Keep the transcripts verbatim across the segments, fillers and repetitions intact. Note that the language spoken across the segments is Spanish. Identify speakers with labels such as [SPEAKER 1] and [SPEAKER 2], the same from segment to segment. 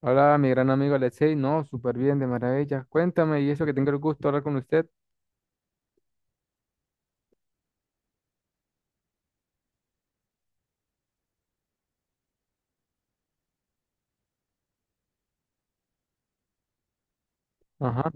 [SPEAKER 1] Hola, mi gran amigo Alexei. No, súper bien, de maravilla. Cuéntame, y eso que tengo el gusto de hablar con usted. Ajá.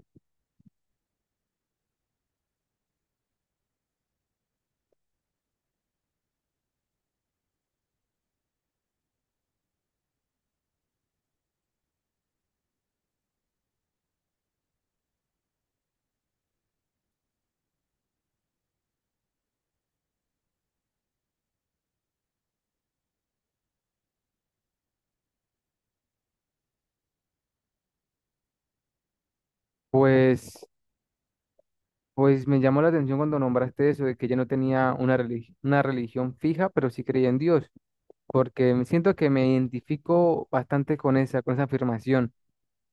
[SPEAKER 1] Pues, pues me llamó la atención cuando nombraste eso de que yo no tenía una relig- una religión fija, pero sí creía en Dios, porque me siento que me identifico bastante con esa, con esa afirmación.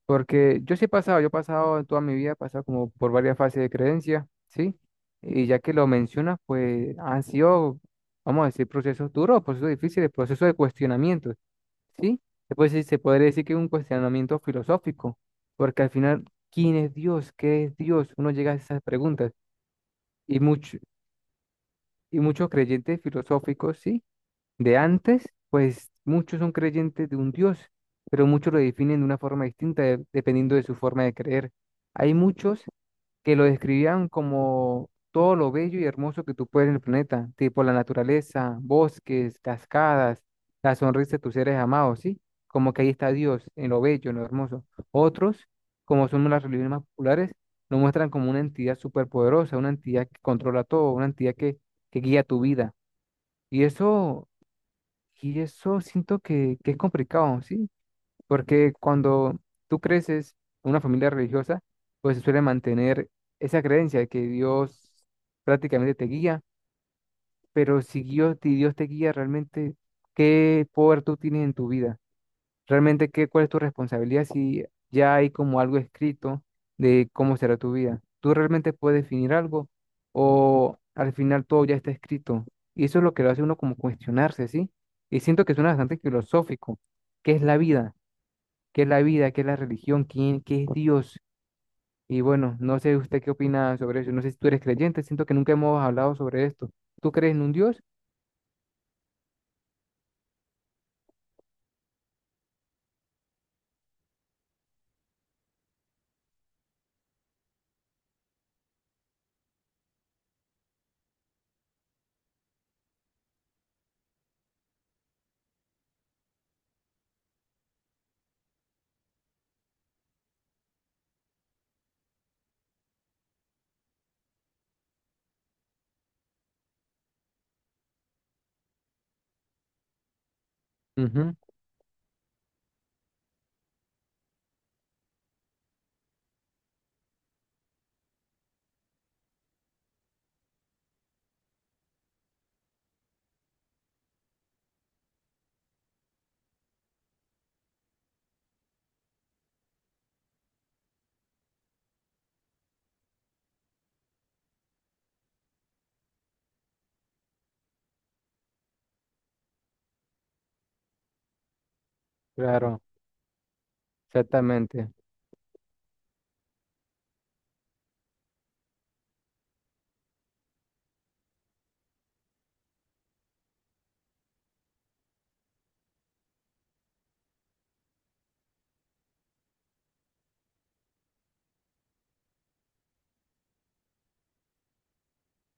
[SPEAKER 1] Porque yo sí he pasado, yo he pasado en toda mi vida, he pasado como por varias fases de creencia, ¿sí? Y ya que lo mencionas, pues han sido, vamos a decir, procesos duros, procesos difíciles, procesos de cuestionamiento, ¿sí? Después sí se podría decir que es un cuestionamiento filosófico, porque al final, ¿quién es Dios? ¿Qué es Dios? Uno llega a esas preguntas. Y, mucho, y muchos creyentes filosóficos, ¿sí?, de antes, pues muchos son creyentes de un Dios, pero muchos lo definen de una forma distinta de- dependiendo de su forma de creer. Hay muchos que lo describían como todo lo bello y hermoso que tú puedes en el planeta, tipo la naturaleza, bosques, cascadas, la sonrisa de tus seres amados, ¿sí? Como que ahí está Dios, en lo bello, en lo hermoso. Otros, como son las religiones más populares, lo muestran como una entidad superpoderosa, una entidad que controla todo, una entidad que, que guía tu vida. Y eso y eso siento que, que es complicado, ¿sí? Porque cuando tú creces en una familia religiosa, pues se suele mantener esa creencia de que Dios prácticamente te guía, pero si Dios, si Dios te guía realmente, ¿qué poder tú tienes en tu vida? Realmente qué, cuál es tu responsabilidad si ya hay como algo escrito de cómo será tu vida. Tú realmente puedes definir algo o al final todo ya está escrito. Y eso es lo que lo hace uno como cuestionarse, ¿sí? Y siento que suena bastante filosófico. ¿Qué es la vida? ¿Qué es la vida? ¿Qué es la religión? ¿Quién, qué es Dios? Y bueno, no sé usted qué opina sobre eso. No sé si tú eres creyente. Siento que nunca hemos hablado sobre esto. ¿Tú crees en un Dios? Ujú, claro, exactamente.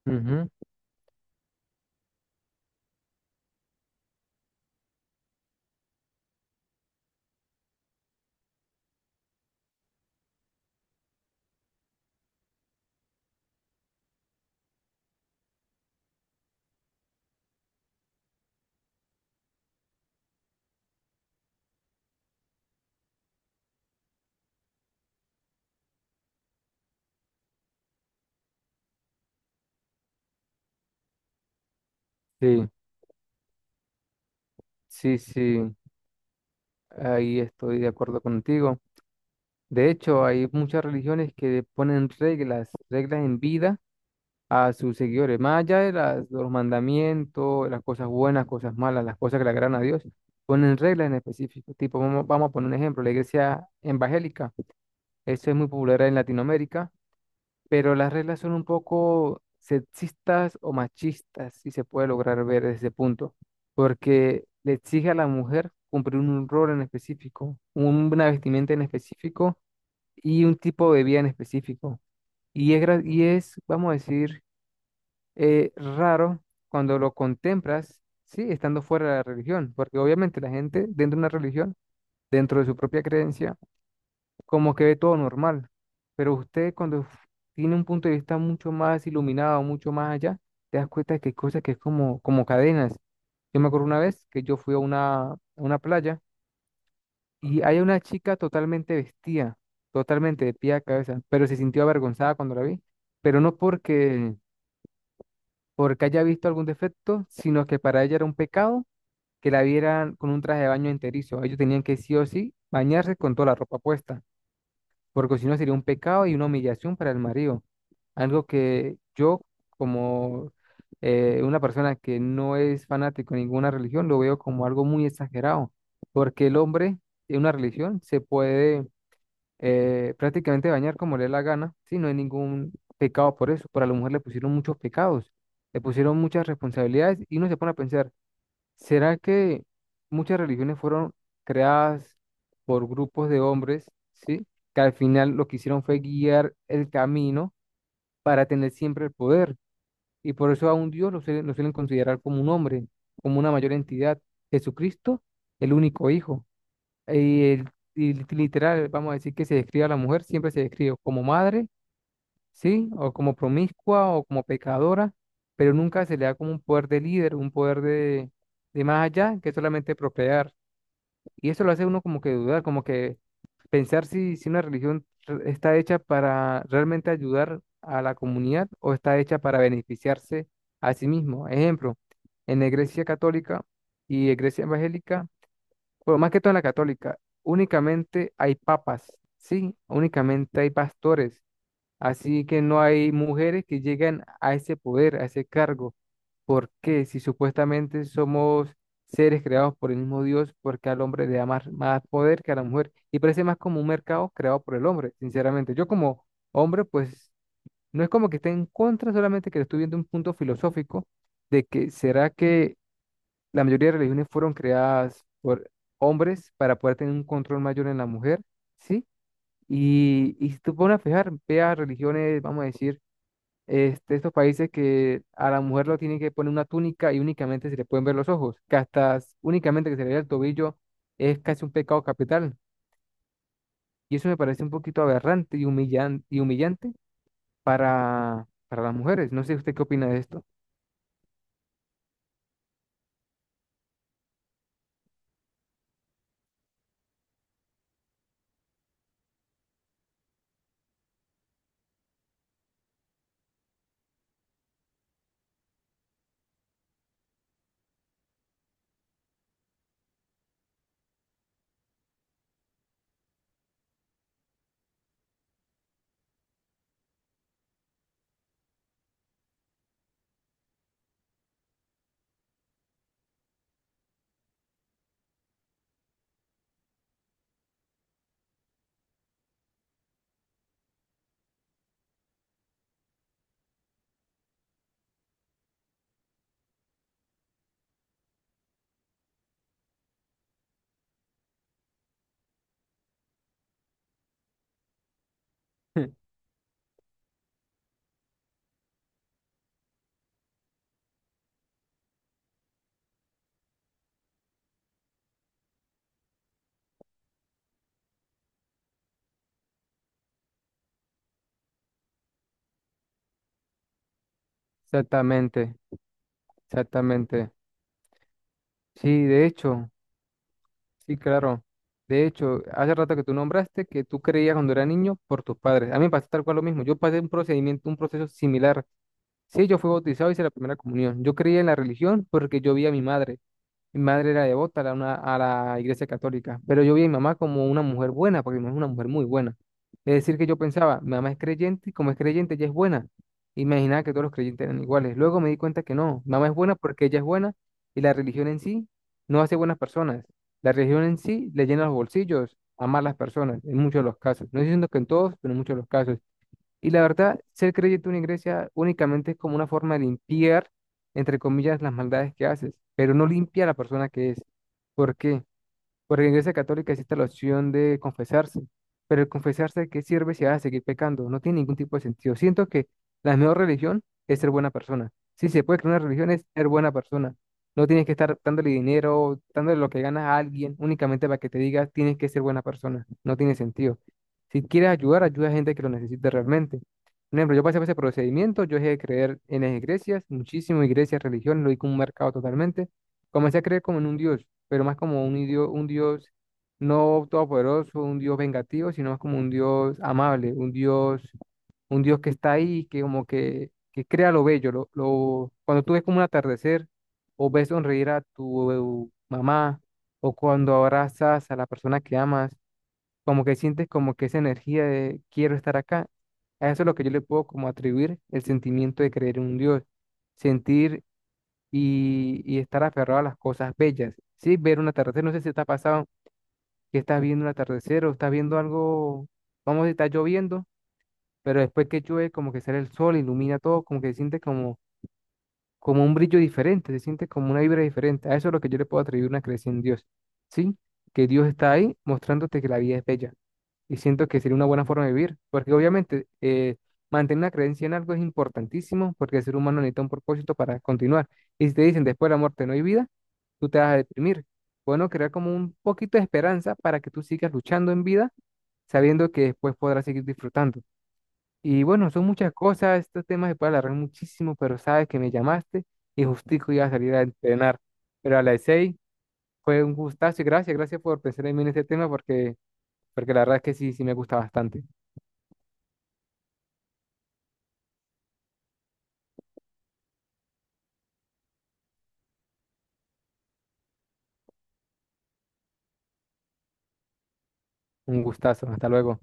[SPEAKER 1] Ujú, sí, sí, sí. Ahí estoy de acuerdo contigo. De hecho, hay muchas religiones que ponen reglas, reglas en vida a sus seguidores, más allá de las- de los mandamientos, las cosas buenas, cosas malas, las cosas que le agradan a Dios, ponen reglas en específico. Tipo, vamos, vamos a poner un ejemplo, la iglesia evangélica, eso es muy popular en Latinoamérica, pero las reglas son un poco sexistas o machistas, si se puede lograr ver desde ese punto, porque le exige a la mujer cumplir un rol en específico, un- una vestimenta en específico y un tipo de vida en específico. Y es, gra- y es, vamos a decir, eh, raro cuando lo contemplas, sí, estando fuera de la religión, porque obviamente la gente dentro de una religión, dentro de su propia creencia, como que ve todo normal. Pero usted cuando f- tiene un punto de vista mucho más iluminado, mucho más allá, te das cuenta que hay cosas que es como, como cadenas. Yo me acuerdo una vez que yo fui a una, a una playa y hay una chica totalmente vestida, totalmente de pie a cabeza, pero se sintió avergonzada cuando la vi, pero no porque, porque haya visto algún defecto, sino que para ella era un pecado que la vieran con un traje de baño enterizo. Ellos tenían que sí o sí bañarse con toda la ropa puesta, porque si no sería un pecado y una humillación para el marido. Algo que yo, como eh, una persona que no es fanático de ninguna religión, lo veo como algo muy exagerado, porque el hombre en una religión se puede eh, prácticamente bañar como le dé la gana, si no hay ningún pecado por eso. Pero a la mujer le pusieron muchos pecados, le pusieron muchas responsabilidades y uno se pone a pensar. ¿Será que muchas religiones fueron creadas por grupos de hombres, ¿sí? Que al final lo que hicieron fue guiar el camino para tener siempre el poder. Y por eso a un Dios lo suelen, lo suelen considerar como un hombre, como una mayor entidad. Jesucristo, el único hijo. Y, el, y literal, vamos a decir que se describe a la mujer, siempre se describe como madre, ¿sí? O como promiscua o como pecadora, pero nunca se le da como un poder de líder, un poder de, de más allá que solamente procrear. Y eso lo hace uno como que dudar, como que pensar si, si una religión re- está hecha para realmente ayudar a la comunidad o está hecha para beneficiarse a sí mismo. Ejemplo, en la Iglesia Católica y Iglesia Evangélica, bueno, más que todo en la católica, únicamente hay papas, ¿sí? Únicamente hay pastores. Así que no hay mujeres que lleguen a ese poder, a ese cargo. ¿Por qué? Si supuestamente somos seres creados por el mismo Dios, ¿por qué al hombre le da más, más poder que a la mujer? Y parece más como un mercado creado por el hombre, sinceramente. Yo como hombre, pues no es como que esté en contra, solamente que le estoy viendo un punto filosófico de que será que la mayoría de religiones fueron creadas por hombres para poder tener un control mayor en la mujer, ¿sí? Y, y si tú pones a fijar, vea religiones, vamos a decir, este, estos países que a la mujer lo tienen que poner una túnica y únicamente se le pueden ver los ojos, que hasta s- únicamente que se le vea el tobillo es casi un pecado capital. Y eso me parece un poquito aberrante y humillante, y humillante para, para las mujeres. No sé usted qué opina de esto. Exactamente, exactamente. Sí, de hecho, sí, claro. De hecho, hace rato que tú nombraste que tú creías cuando era niño por tus padres. A mí me pasó tal cual lo mismo. Yo pasé un procedimiento, un proceso similar. Sí, yo fui bautizado, hice la primera comunión. Yo creía en la religión porque yo vi a mi madre. Mi madre era devota a la, una- a la iglesia católica, pero yo vi a mi mamá como una mujer buena, porque mi mamá es una mujer muy buena. Es decir, que yo pensaba, mi mamá es creyente y como es creyente, ella es buena. Imaginaba que todos los creyentes eran iguales. Luego me di cuenta que no, mi mamá es buena porque ella es buena y la religión en sí no hace buenas personas. La religión en sí le llena los bolsillos a malas personas, en muchos de los casos. No diciendo que en todos, pero en muchos de los casos. Y la verdad, ser creyente en una iglesia únicamente es como una forma de limpiar, entre comillas, las maldades que haces, pero no limpia a la persona que es. ¿Por qué? Porque en la Iglesia Católica existe la opción de confesarse, pero el confesarse, ¿de qué sirve si vas a seguir pecando? No tiene ningún tipo de sentido. Siento que la mejor religión es ser buena persona. Si se puede crear una religión es ser buena persona. No tienes que estar dándole dinero, dándole lo que ganas a alguien únicamente para que te diga tienes que ser buena persona. No tiene sentido. Si quieres ayudar, ayuda a gente que lo necesite realmente. Por ejemplo, yo pasé por ese procedimiento, yo dejé de creer en las iglesias, muchísimas iglesias, religiones, lo vi como un mercado totalmente. Comencé a creer como en un dios, pero más como un dios, un dios no todopoderoso, un dios vengativo, sino más como un dios amable, un dios, un dios que está ahí, que como que, que crea lo bello, lo, lo, cuando tú ves como un atardecer, o ves sonreír a tu mamá, o cuando abrazas a la persona que amas, como que sientes como que esa energía de quiero estar acá. A eso es lo que yo le puedo como atribuir el sentimiento de creer en un dios, sentir y, y estar aferrado a las cosas bellas. Sí, ver un atardecer, no sé si te ha pasado que estás viendo un atardecer o estás viendo algo, vamos a decir, está lloviendo, pero después que llueve, como que sale el sol, ilumina todo, como que se siente como, como un brillo diferente, se siente como una vibra diferente. A eso es lo que yo le puedo atribuir una creencia en Dios, ¿sí? Que Dios está ahí mostrándote que la vida es bella. Y siento que sería una buena forma de vivir, porque obviamente eh, mantener una creencia en algo es importantísimo, porque el ser humano necesita un propósito para continuar. Y si te dicen después de la muerte no hay vida, tú te vas a deprimir. Bueno, crear como un poquito de esperanza para que tú sigas luchando en vida, sabiendo que después podrás seguir disfrutando. Y bueno, son muchas cosas, estos temas se puede alargar muchísimo, pero sabes que me llamaste y justico iba a salir a entrenar. Pero a las seis fue un gustazo y gracias, gracias por pensar en mí en este tema porque, porque la verdad es que sí, sí me gusta bastante. Un gustazo, hasta luego.